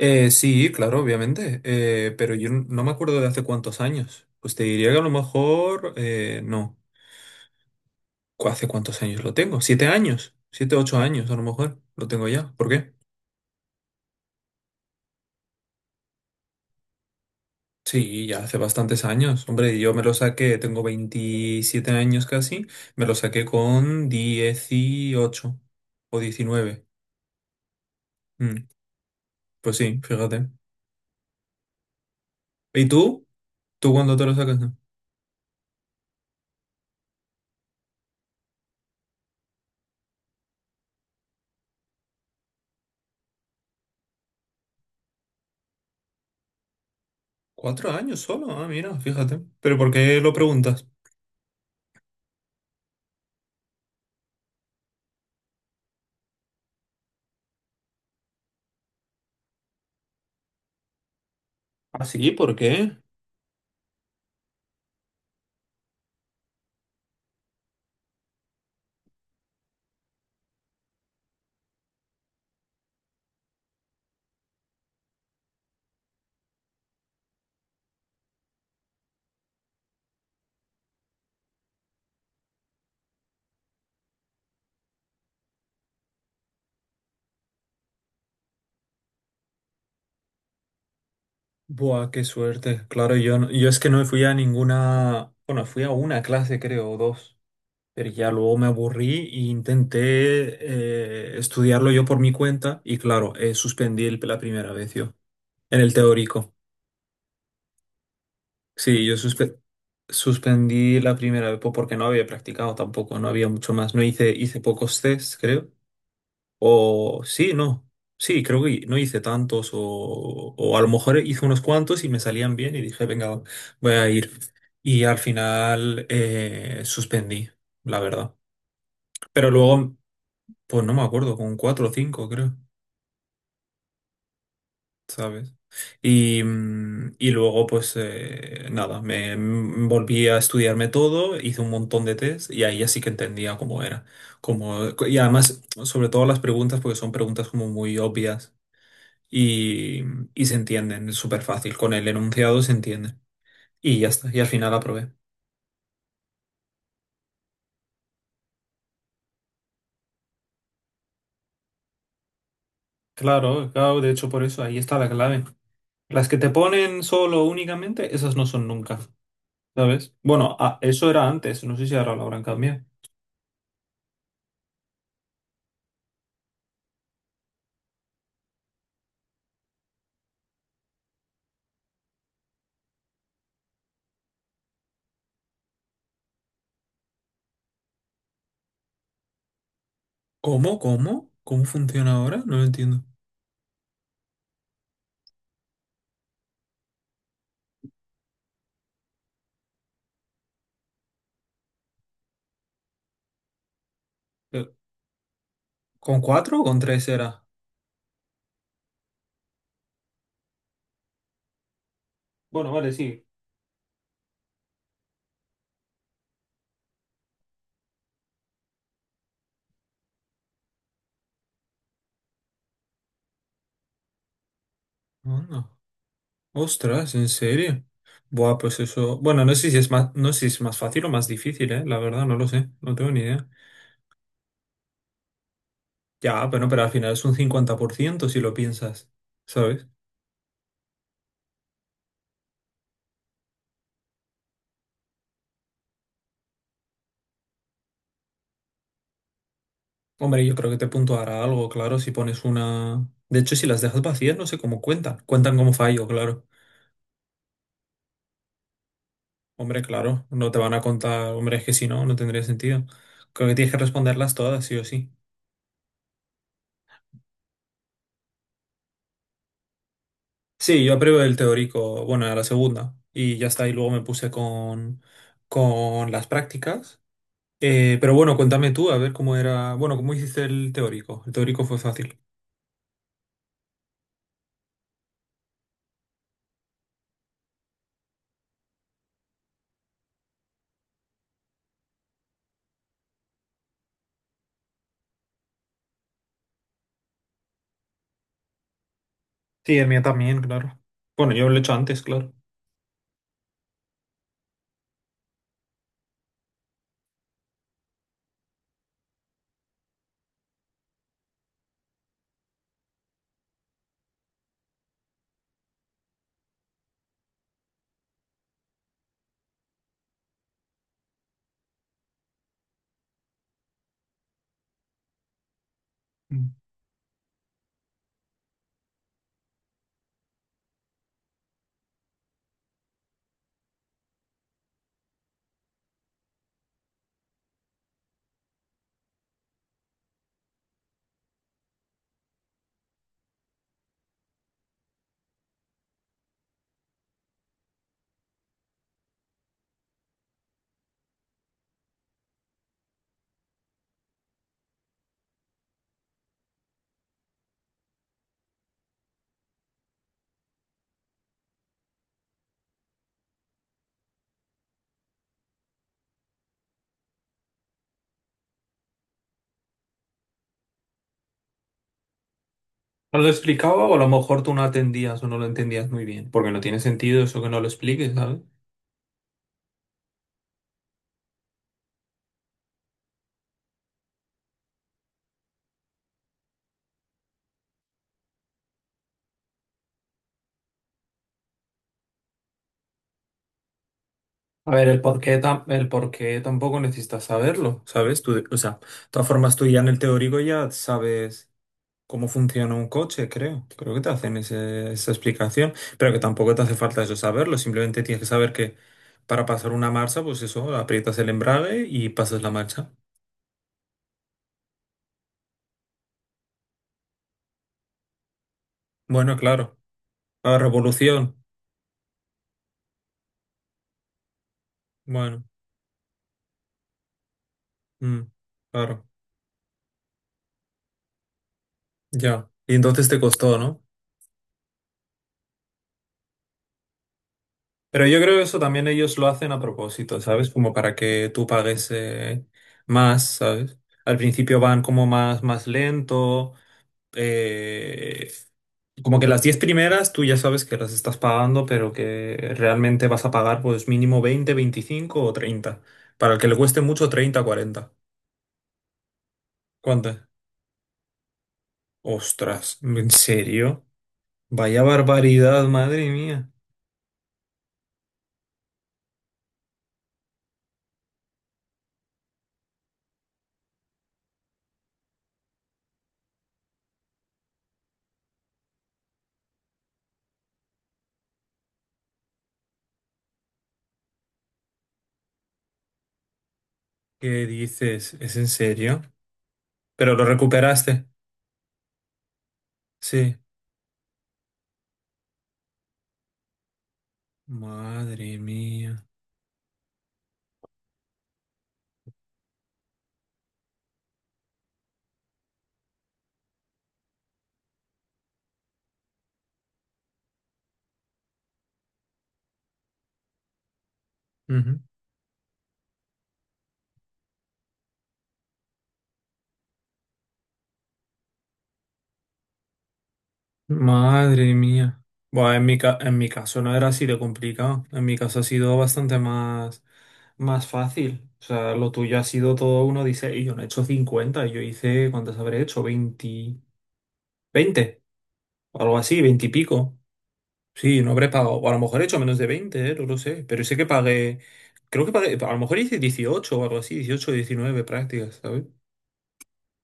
Sí, claro, obviamente, pero yo no me acuerdo de hace cuántos años. Pues te diría que a lo mejor, no. ¿Hace cuántos años lo tengo? 7 años, 7, 8 años a lo mejor lo tengo ya. ¿Por qué? Sí, ya hace bastantes años. Hombre, yo me lo saqué, tengo 27 años casi, me lo saqué con 18 o 19. Mm, pues sí, fíjate. ¿Y tú? ¿Tú cuándo te lo sacas? 4 años solo, ah, mira, fíjate. ¿Pero por qué lo preguntas? ¿Ah, sí? ¿Por qué? Buah, qué suerte. Claro, yo, yo es que no fui a ninguna, bueno, fui a una clase, creo, o dos, pero ya luego me aburrí e intenté estudiarlo yo por mi cuenta y claro, suspendí la primera vez yo, en el teórico. Sí, yo suspendí la primera vez porque no había practicado tampoco, no había mucho más, no hice, hice pocos tests, creo. O sí, no. Sí, creo que no hice tantos o a lo mejor hice unos cuantos y me salían bien y dije, venga, voy a ir. Y al final, suspendí, la verdad. Pero luego, pues no me acuerdo, con cuatro o cinco creo, ¿sabes? Y luego, pues nada, me volví a estudiarme todo, hice un montón de test y ahí ya sí que entendía cómo era. Como, y además, sobre todo las preguntas, porque son preguntas como muy obvias. y, y se entienden, es súper fácil. Con el enunciado se entienden. Y ya está, y al final aprobé. Claro, claro, de hecho por eso, ahí está la clave. Las que te ponen solo únicamente, esas no son nunca, ¿sabes? Bueno, ah, eso era antes, no sé si ahora lo habrán cambiado. ¿Cómo? ¿Cómo? ¿Cómo funciona ahora? No lo entiendo. Eh, ¿Con cuatro o con tres era? Bueno, vale, sí. Anda. Ostras, ¿en serio? Buah, pues eso. Bueno, no sé si es más, no sé si es más fácil o más difícil, ¿eh? La verdad, no lo sé. No tengo ni idea. Ya, bueno, pero al final es un 50% si lo piensas, ¿sabes? Hombre, yo creo que te puntuará algo, claro, si pones una... De hecho, si las dejas vacías, no sé cómo cuentan. Cuentan como fallo, claro. Hombre, claro, no te van a contar, hombre, es que si no, no tendría sentido. Creo que tienes que responderlas todas, sí o sí. Sí, yo apruebo el teórico, bueno, a la segunda, y ya está, y luego me puse con las prácticas. Pero bueno, cuéntame tú, a ver cómo era, bueno, cómo hiciste el teórico. El teórico fue fácil. Sí, el mío también, claro. Bueno, yo lo he hecho antes, claro. Mm. No lo explicaba o a lo mejor tú no atendías o no lo entendías muy bien, porque no tiene sentido eso que no lo expliques, ¿sabes? A ver, el por qué tampoco necesitas saberlo, ¿sabes? Tú, o sea, de todas formas tú ya en el teórico ya sabes cómo funciona un coche, creo. Creo que te hacen esa explicación, pero que tampoco te hace falta eso saberlo, simplemente tienes que saber que para pasar una marcha, pues eso, aprietas el embrague y pasas la marcha. Bueno, claro. La revolución. Bueno. Mm, claro, ya. Y entonces te costó, ¿no? Pero yo creo que eso también ellos lo hacen a propósito, ¿sabes? Como para que tú pagues más, ¿sabes? Al principio van como más, más lento. eh, como que las 10 primeras tú ya sabes que las estás pagando, pero que realmente vas a pagar pues mínimo 20, 25 o 30 Para el que le cueste mucho, 30, 40 ¿Cuántas? Ostras, ¿en serio? Vaya barbaridad, madre mía. ¿Qué dices? ¿Es en serio? ¿Pero lo recuperaste? Sí. Madre mía. Ujú. Madre mía. Bueno, en en mi caso no era así de complicado. En mi caso ha sido bastante más, más fácil. O sea, lo tuyo ha sido todo uno dice, y yo no he hecho 50, yo hice, ¿cuántas habré hecho? 20, 20, o algo así, 20 y pico. Sí, no habré pagado. O a lo mejor he hecho menos de 20, no lo sé. Pero sé que pagué. Creo que pagué. A lo mejor hice 18 o algo así, 18, o 19 prácticas, ¿sabes?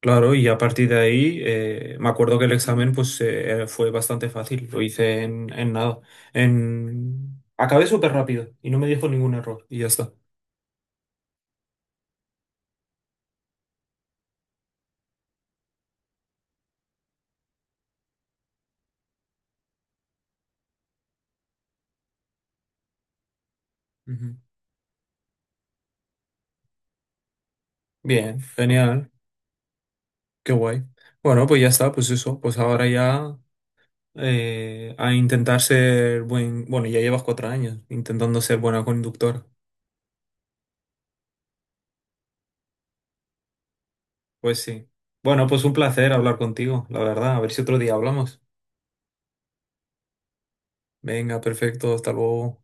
Claro, y a partir de ahí me acuerdo que el examen pues fue bastante fácil. Lo hice en nada. En... Acabé súper rápido y no me dijo ningún error. Y ya está. Ujú. Bien, genial. Qué guay. Bueno, pues ya está, pues eso. Pues ahora ya a intentar ser buen. Bueno, ya llevas 4 años intentando ser buena conductora. Pues sí. Bueno, pues un placer hablar contigo, la verdad. A ver si otro día hablamos. Venga, perfecto, hasta luego.